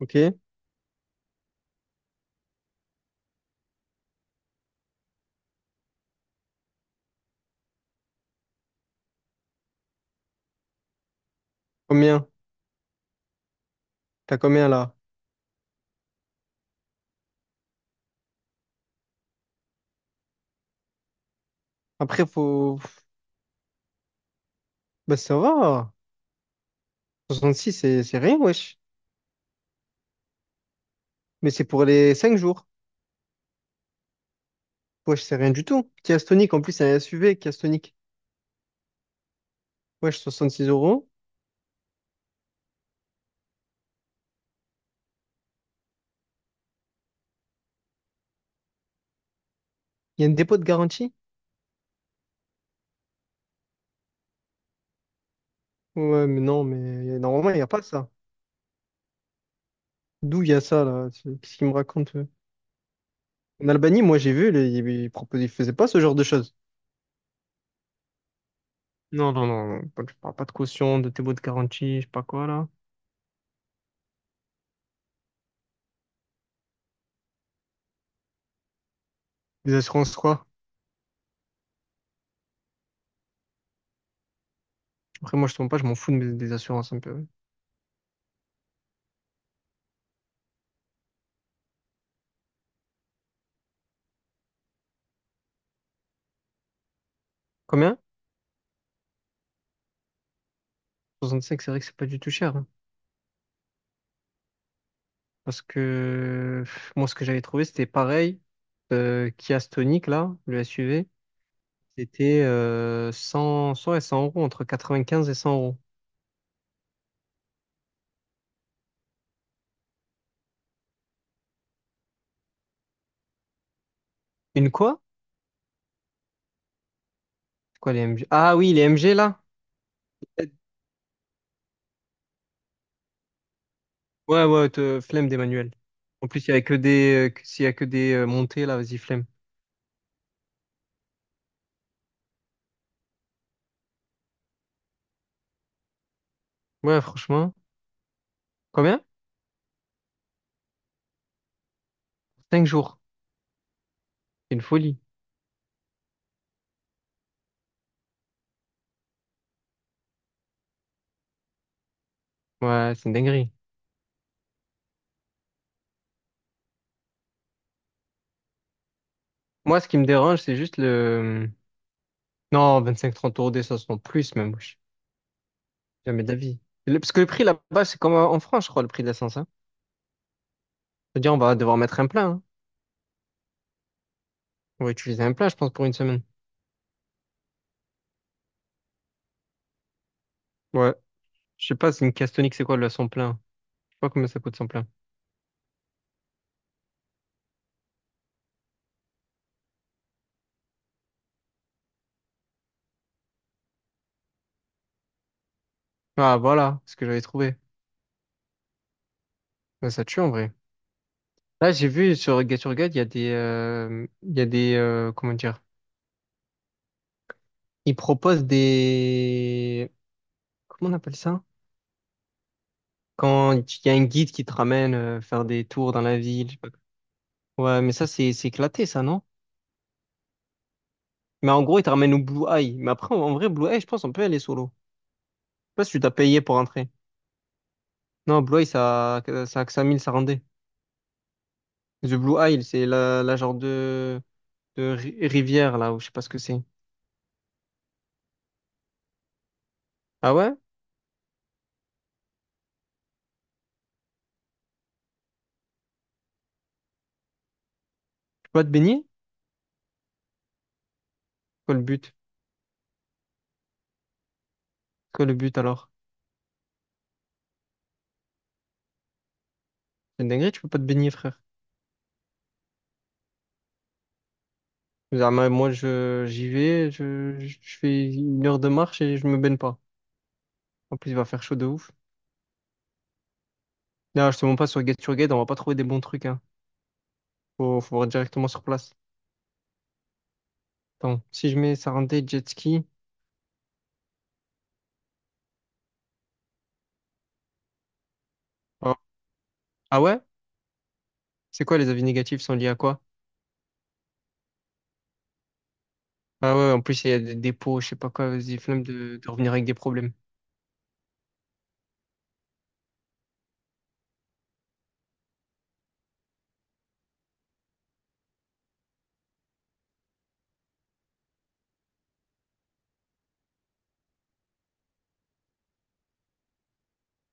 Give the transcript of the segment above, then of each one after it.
Ok. Combien? T'as combien là? Après, faut. Bah, ça va. 66, c'est rien, wesh. Mais c'est pour les 5 jours. Wesh, c'est rien du tout. Kia Stonic, en plus, c'est un SUV, Kia Stonic. Wesh, 66 euros. Il y a un dépôt de garantie? Ouais, mais non, mais normalement, il n'y a pas ça. D'où il y a ça, là? C'est- Qu'est-ce qu'il me raconte? En Albanie, moi, j'ai vu, les- ils proposaient, ils faisaient pas ce genre de choses. Non, non, non, non. Pas- Je parle pas de caution, de dépôt de garantie, je sais pas quoi, là. Des assurances, quoi. Après, moi, je tombe pas, je m'en fous de mes- des assurances un peu. Combien? 65, c'est vrai que c'est pas du tout cher, hein. Parce que pff, moi, ce que j'avais trouvé, c'était pareil. Kia Stonic, là, le SUV, c'était 100, 100 et 100 euros, entre 95 et 100 euros. Une quoi? C'est quoi les MG? Ah oui, les MG, là? Ouais, ouais, te- flemme des manuels. En plus, il y a que des, que- s'il y a que des montées, là, vas-y, flemme. Ouais, franchement. Combien? 5 jours. C'est une folie. Ouais, c'est une dinguerie. Moi, ce qui me dérange, c'est juste le... Non, 25-30 euros d'essence, non, plus même. Jamais d'avis. Le- Parce que le prix là-bas, c'est comme en France, je crois, le prix de l'essence, hein. C'est-à-dire, on va devoir mettre un plein, hein. On va utiliser un plein, je pense, pour 1 semaine. Ouais. Je sais pas, c'est une caisse tonique, c'est quoi le son plein? Je sais pas combien ça coûte son plein. Ah, voilà, ce que j'avais trouvé. Ouais, ça tue en vrai. Là, j'ai vu sur GetYourGuide, il y a des... Il y a des... comment dire? Ils proposent des... Comment on appelle ça? Quand il y a un guide qui te ramène faire des tours dans la ville, je sais pas. Ouais, mais ça, c'est éclaté, ça, non? Mais en gros, il te ramène au Blue Eye. Mais après, en vrai, Blue Eye, je pense, on peut aller solo. Pas si tu t'as payé pour entrer. Non, Blue Eye, ça a que 5000, ça rendait. The Blue Isle, c'est la genre de ri- rivière, là, où je sais pas ce que c'est. Ah ouais? Tu peux pas te baigner? Quoi le but? Quoi le but alors? C'est une dinguerie, tu peux pas te baigner, frère. Ah, mais moi, j'y vais, je fais 1 heure de marche et je me baigne pas. En plus, il va faire chaud de ouf. Là, je te montre pas sur Get Your Guide, on va pas trouver des bons trucs, hein. Faut voir directement sur place. Attends, si je mets ça rendait jet ski. Ah, ah ouais? C'est quoi les avis négatifs sont liés à quoi? Ah ouais, en plus, il y a des dépôts, je sais pas quoi, vas-y, flemme de revenir avec des problèmes.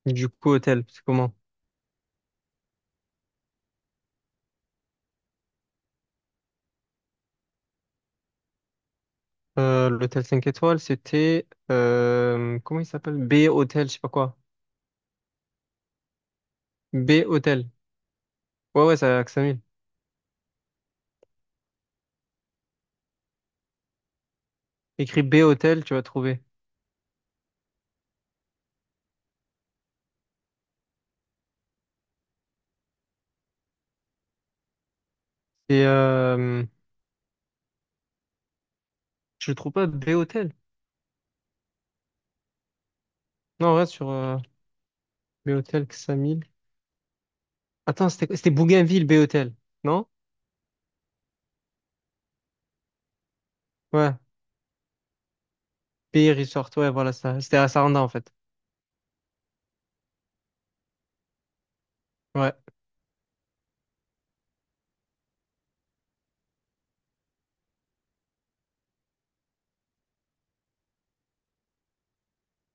Du coup, hôtel, c'est comment? L'hôtel 5 étoiles, c'était, comment il s'appelle? B Hôtel, je sais pas quoi. B Hôtel. Ouais, ouais, ça à Axamil. Écris B Hôtel, tu vas trouver. Et, je le trouve pas, B Hôtel. Non, reste sur, B Hôtel, Axamil. Attends, c'était Bougainville, B Hôtel. Non? Ouais. B Resort, ouais, voilà ça. C'était à Saranda, en fait. Ouais.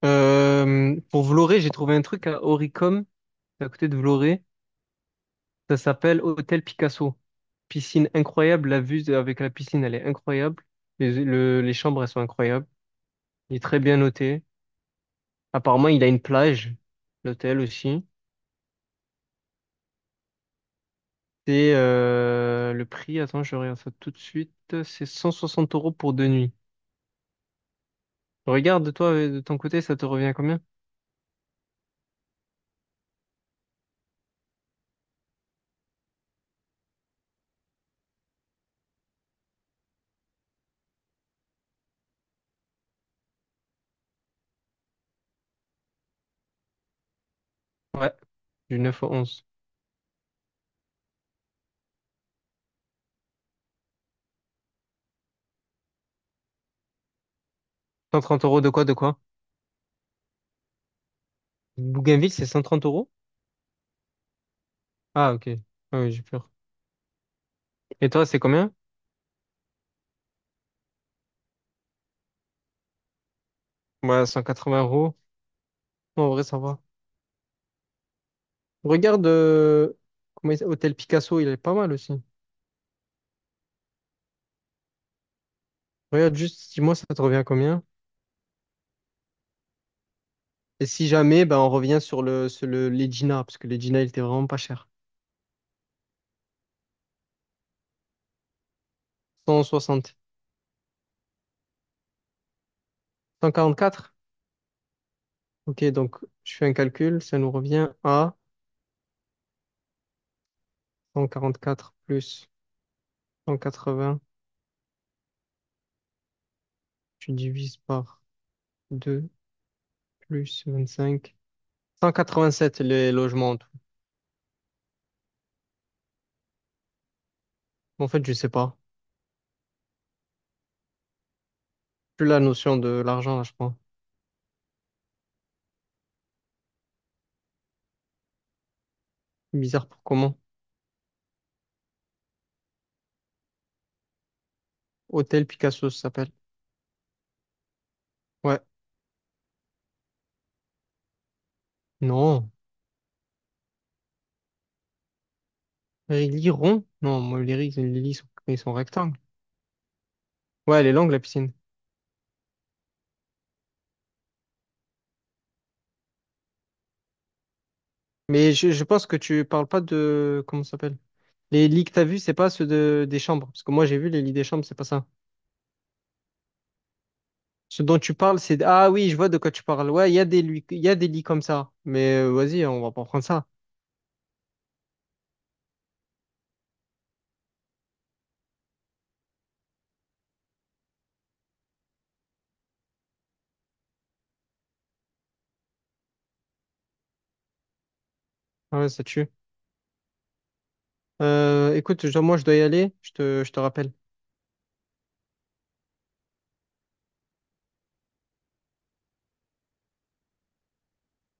Pour Vloré, j'ai trouvé un truc à Oricom, c'est à côté de Vloré. Ça s'appelle Hôtel Picasso. Piscine incroyable. La vue avec la piscine, elle est incroyable. Les, le- les chambres, elles sont incroyables. Il est très bien noté. Apparemment, il a une plage, l'hôtel aussi. C'est le prix, attends, je regarde ça tout de suite. C'est 160 euros pour 2 nuits. Regarde, toi, de ton côté, ça te revient à combien? Ouais, du 9 au onze. Cent trente euros de quoi, de quoi? Bougainville, c'est 130 euros? Ah, ok. Ah oui, j'ai peur. Et toi, c'est combien? Ouais, 180 euros. En vrai, ça va. Regarde, comment il s'appelle, Hôtel Picasso, il est pas mal aussi. Regarde juste, dis-moi, ça te revient à combien? Et si jamais, ben, on revient sur le l'Egina, parce que l'Egina, il était vraiment pas cher. 160. 144. Ok, donc je fais un calcul, ça nous revient à 144 plus 180. Tu divises par 2 plus 25. 187 les logements en tout. En fait, je sais pas. Plus la notion de l'argent, là, je crois. Bizarre pour comment. Hôtel Picasso, ça s'appelle. Ouais. Non. Les lits ronds? Non, moi, les lits, ils sont rectangles. Ouais, elle est longue, la piscine. Mais je pense que tu parles pas de... Comment ça s'appelle? Les lits que t'as vus, c'est pas ceux de, des chambres. Parce que moi, j'ai vu les lits des chambres, c'est pas ça. Ce dont tu parles, c'est... Ah oui, je vois de quoi tu parles. Ouais, il y a des, lui, il y a des lits comme ça. Mais vas-y, on va pas prendre ça. Ah ouais, ça tue. Écoute, je- moi, je dois y aller. Je te rappelle.